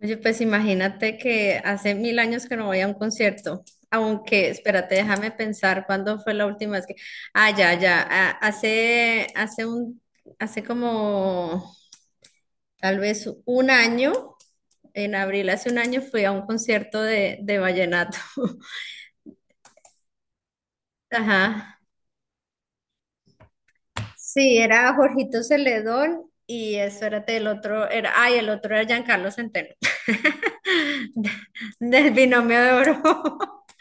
Oye, pues imagínate que hace mil años que no voy a un concierto, aunque, espérate, déjame pensar cuándo fue la última vez que, ya, hace, hace como tal vez un año, en abril, hace un año fui a un concierto de vallenato. Ajá. Sí, era Jorgito Celedón y espérate, el otro era, ay, el otro era Giancarlo Centeno, del binomio de oro.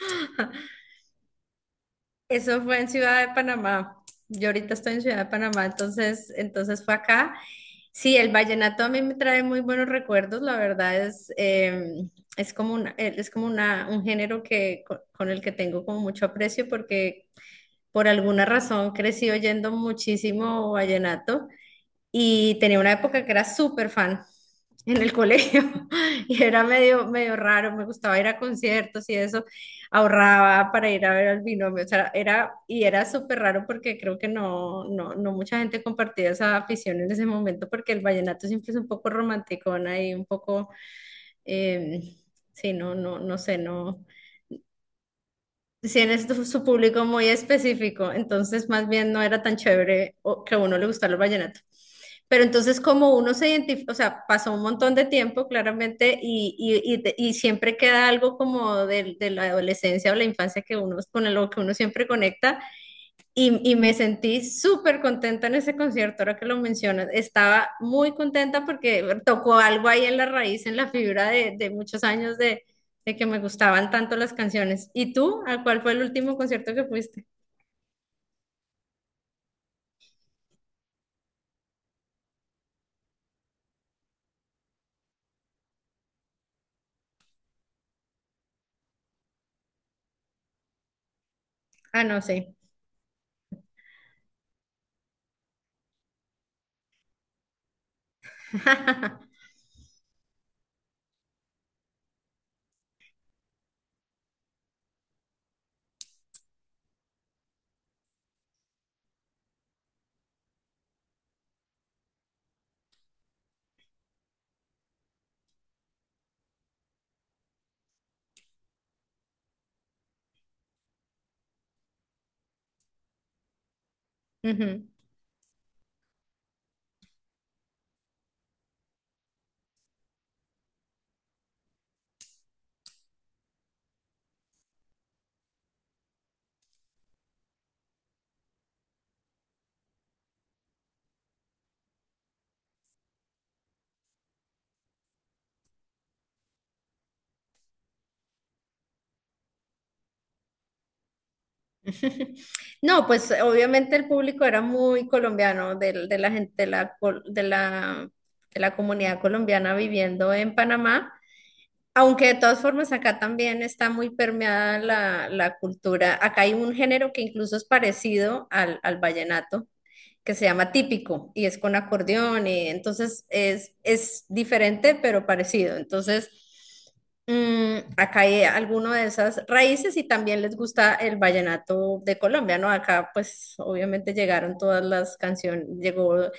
Eso fue en Ciudad de Panamá. Yo ahorita estoy en Ciudad de Panamá, entonces fue acá. Sí, el vallenato a mí me trae muy buenos recuerdos, la verdad es como una, un género que, con el que tengo como mucho aprecio porque por alguna razón crecí oyendo muchísimo vallenato y tenía una época que era súper fan en el colegio. Y era medio, medio raro, me gustaba ir a conciertos y eso, ahorraba para ir a ver al binomio, o sea, era, y era súper raro porque creo que no mucha gente compartía esa afición en ese momento porque el vallenato siempre es un poco romanticón ahí, un poco, eh, sí, no, no, no sé, no. Sí, es su público muy específico, entonces más bien no era tan chévere o- que a uno le gustara el vallenato. Pero entonces como uno se identifica, o sea, pasó un montón de tiempo claramente y siempre queda algo como de la adolescencia o la infancia que uno, con lo que uno siempre conecta, y me sentí súper contenta en ese concierto, ahora que lo mencionas. Estaba muy contenta porque tocó algo ahí en la raíz, en la fibra de muchos años de que me gustaban tanto las canciones. ¿Y tú? ¿A cuál fue el último concierto que fuiste? Ah, no sé. Ujú. No, pues obviamente el público era muy colombiano, del de la gente, de la, col- de la comunidad colombiana viviendo en Panamá. Aunque de todas formas acá también está muy permeada la, la cultura. Acá hay un género que incluso es parecido al, al vallenato, que se llama típico y es con acordeón y entonces es diferente pero parecido. Entonces, mm, acá hay alguno de esas raíces y también les gusta el vallenato de Colombia, ¿no? Acá pues obviamente llegaron todas las canciones, llegó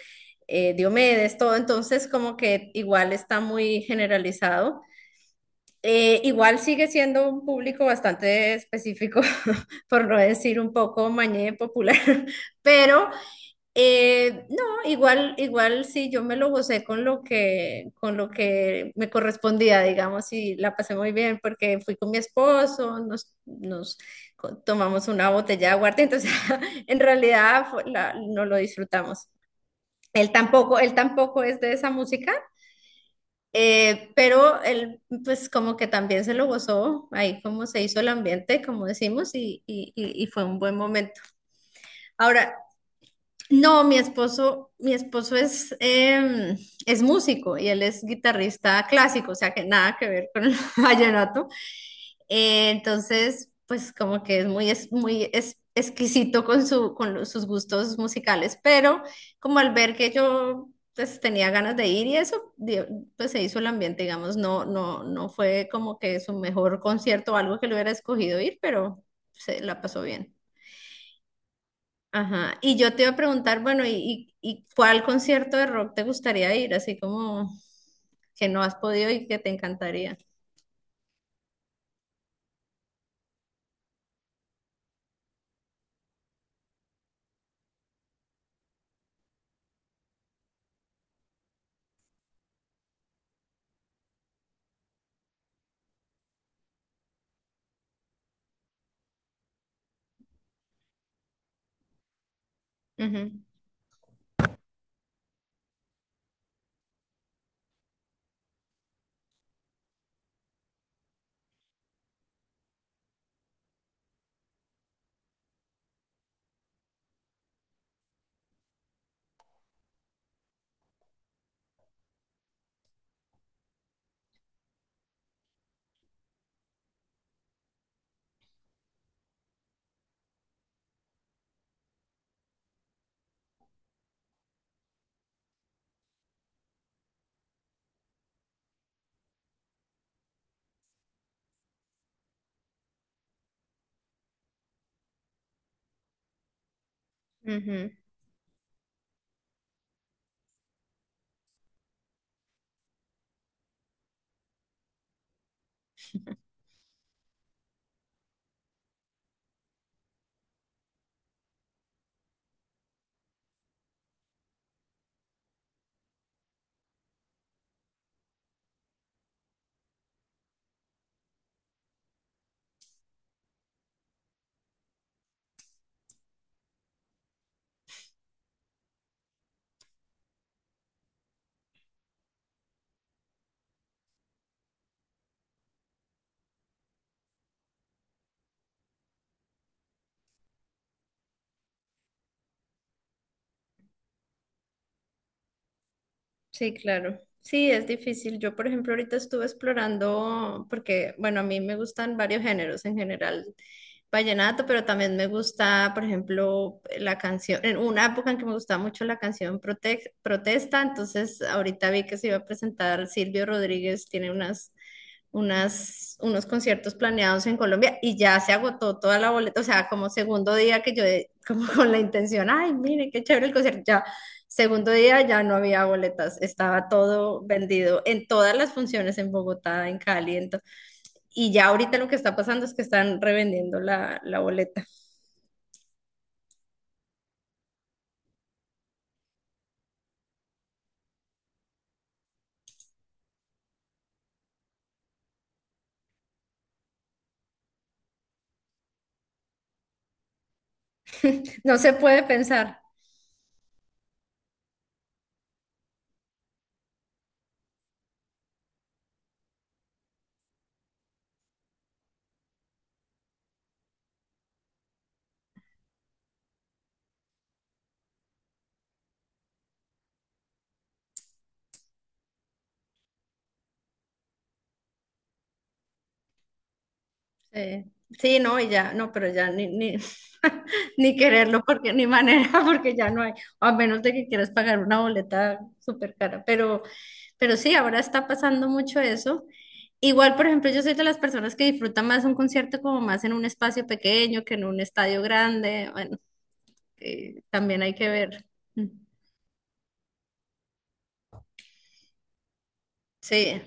Diomedes, todo, entonces como que igual está muy generalizado. Igual sigue siendo un público bastante específico, por no decir un poco mañé popular, pero no, igual, igual sí, yo me lo gocé con lo que me correspondía, digamos, y la pasé muy bien porque fui con mi esposo, tomamos una botella de aguardiente, entonces en realidad fue la- no lo disfrutamos. Él tampoco es de esa música, pero él, pues como que también se lo gozó, ahí como se hizo el ambiente, como decimos, y fue un buen momento. Ahora, no, mi esposo es, es músico y él es guitarrista clásico, o sea que nada que ver con el vallenato. Entonces, pues como que es muy, exquisito con, su, con los- sus gustos musicales, pero como al ver que yo pues tenía ganas de ir y eso, di- pues se hizo el ambiente, digamos, no, no, no fue como que su mejor concierto o algo que le hubiera escogido ir, pero se la pasó bien. Ajá, y yo te iba a preguntar, bueno, ¿y, cuál concierto de rock te gustaría ir? Así como que no has podido y que te encantaría. Ujú, ujú. Sí, claro. Sí, es difícil. Yo, por ejemplo, ahorita estuve explorando, porque, bueno, a mí me gustan varios géneros en general, vallenato, pero también me gusta, por ejemplo, la canción, en una época en que me gustaba mucho la canción Protesta, entonces ahorita vi que se iba a presentar Silvio Rodríguez, tiene unos conciertos planeados en Colombia y ya se agotó toda la boleta, o sea, como segundo día que yo, de- como con la intención, ay, mire, qué chévere el concierto, ya, segundo día ya no había boletas, estaba todo vendido en todas las funciones en Bogotá, en Cali, en to- y ya ahorita lo que está pasando es que están revendiendo la, la boleta. No se puede pensar. Sí, sí, no, y ya, no, pero ya ni, ni, ni quererlo, porque ni manera, porque ya no hay, a menos de que quieras pagar una boleta súper cara, pero sí, ahora está pasando mucho eso. Igual, por ejemplo, yo soy de las personas que disfrutan más un concierto como más en un espacio pequeño que en un estadio grande, bueno, también hay que ver. Mm. Sí,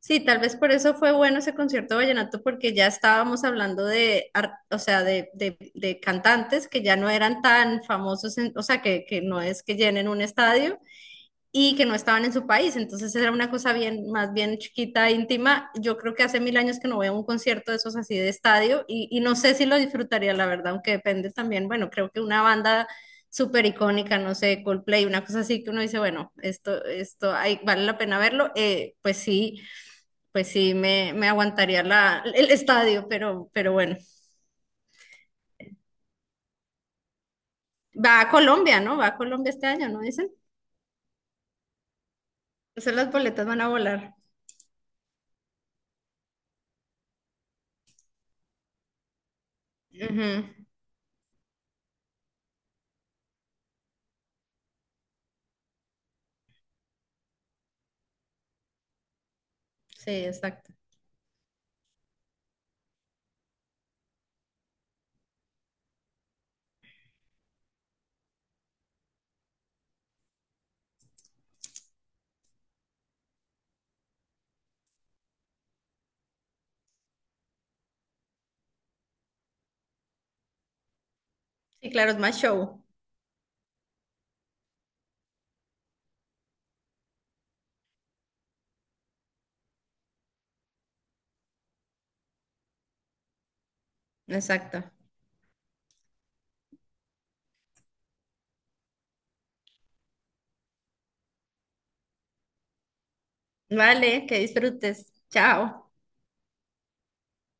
sí, tal vez por eso fue bueno ese concierto de vallenato, porque ya estábamos hablando de, ar- o sea, de, de cantantes que ya no eran tan famosos, en- o sea, que no es que llenen un estadio y que no estaban en su país. Entonces era una cosa bien, más bien chiquita, íntima. Yo creo que hace mil años que no veo un concierto de esos así de estadio y no sé si lo disfrutaría, la verdad, aunque depende también, bueno, creo que una banda súper icónica, no sé, Coldplay, una cosa así que uno dice, bueno, vale la pena verlo, pues sí, pues sí, me aguantaría la, el estadio, pero bueno. Va a Colombia, ¿no? Va a Colombia este año, ¿no dicen? Entonces las boletas van a volar. Ujú, sí, exacto. Y claro, es más show. Exacto. Vale, que disfrutes. Chao.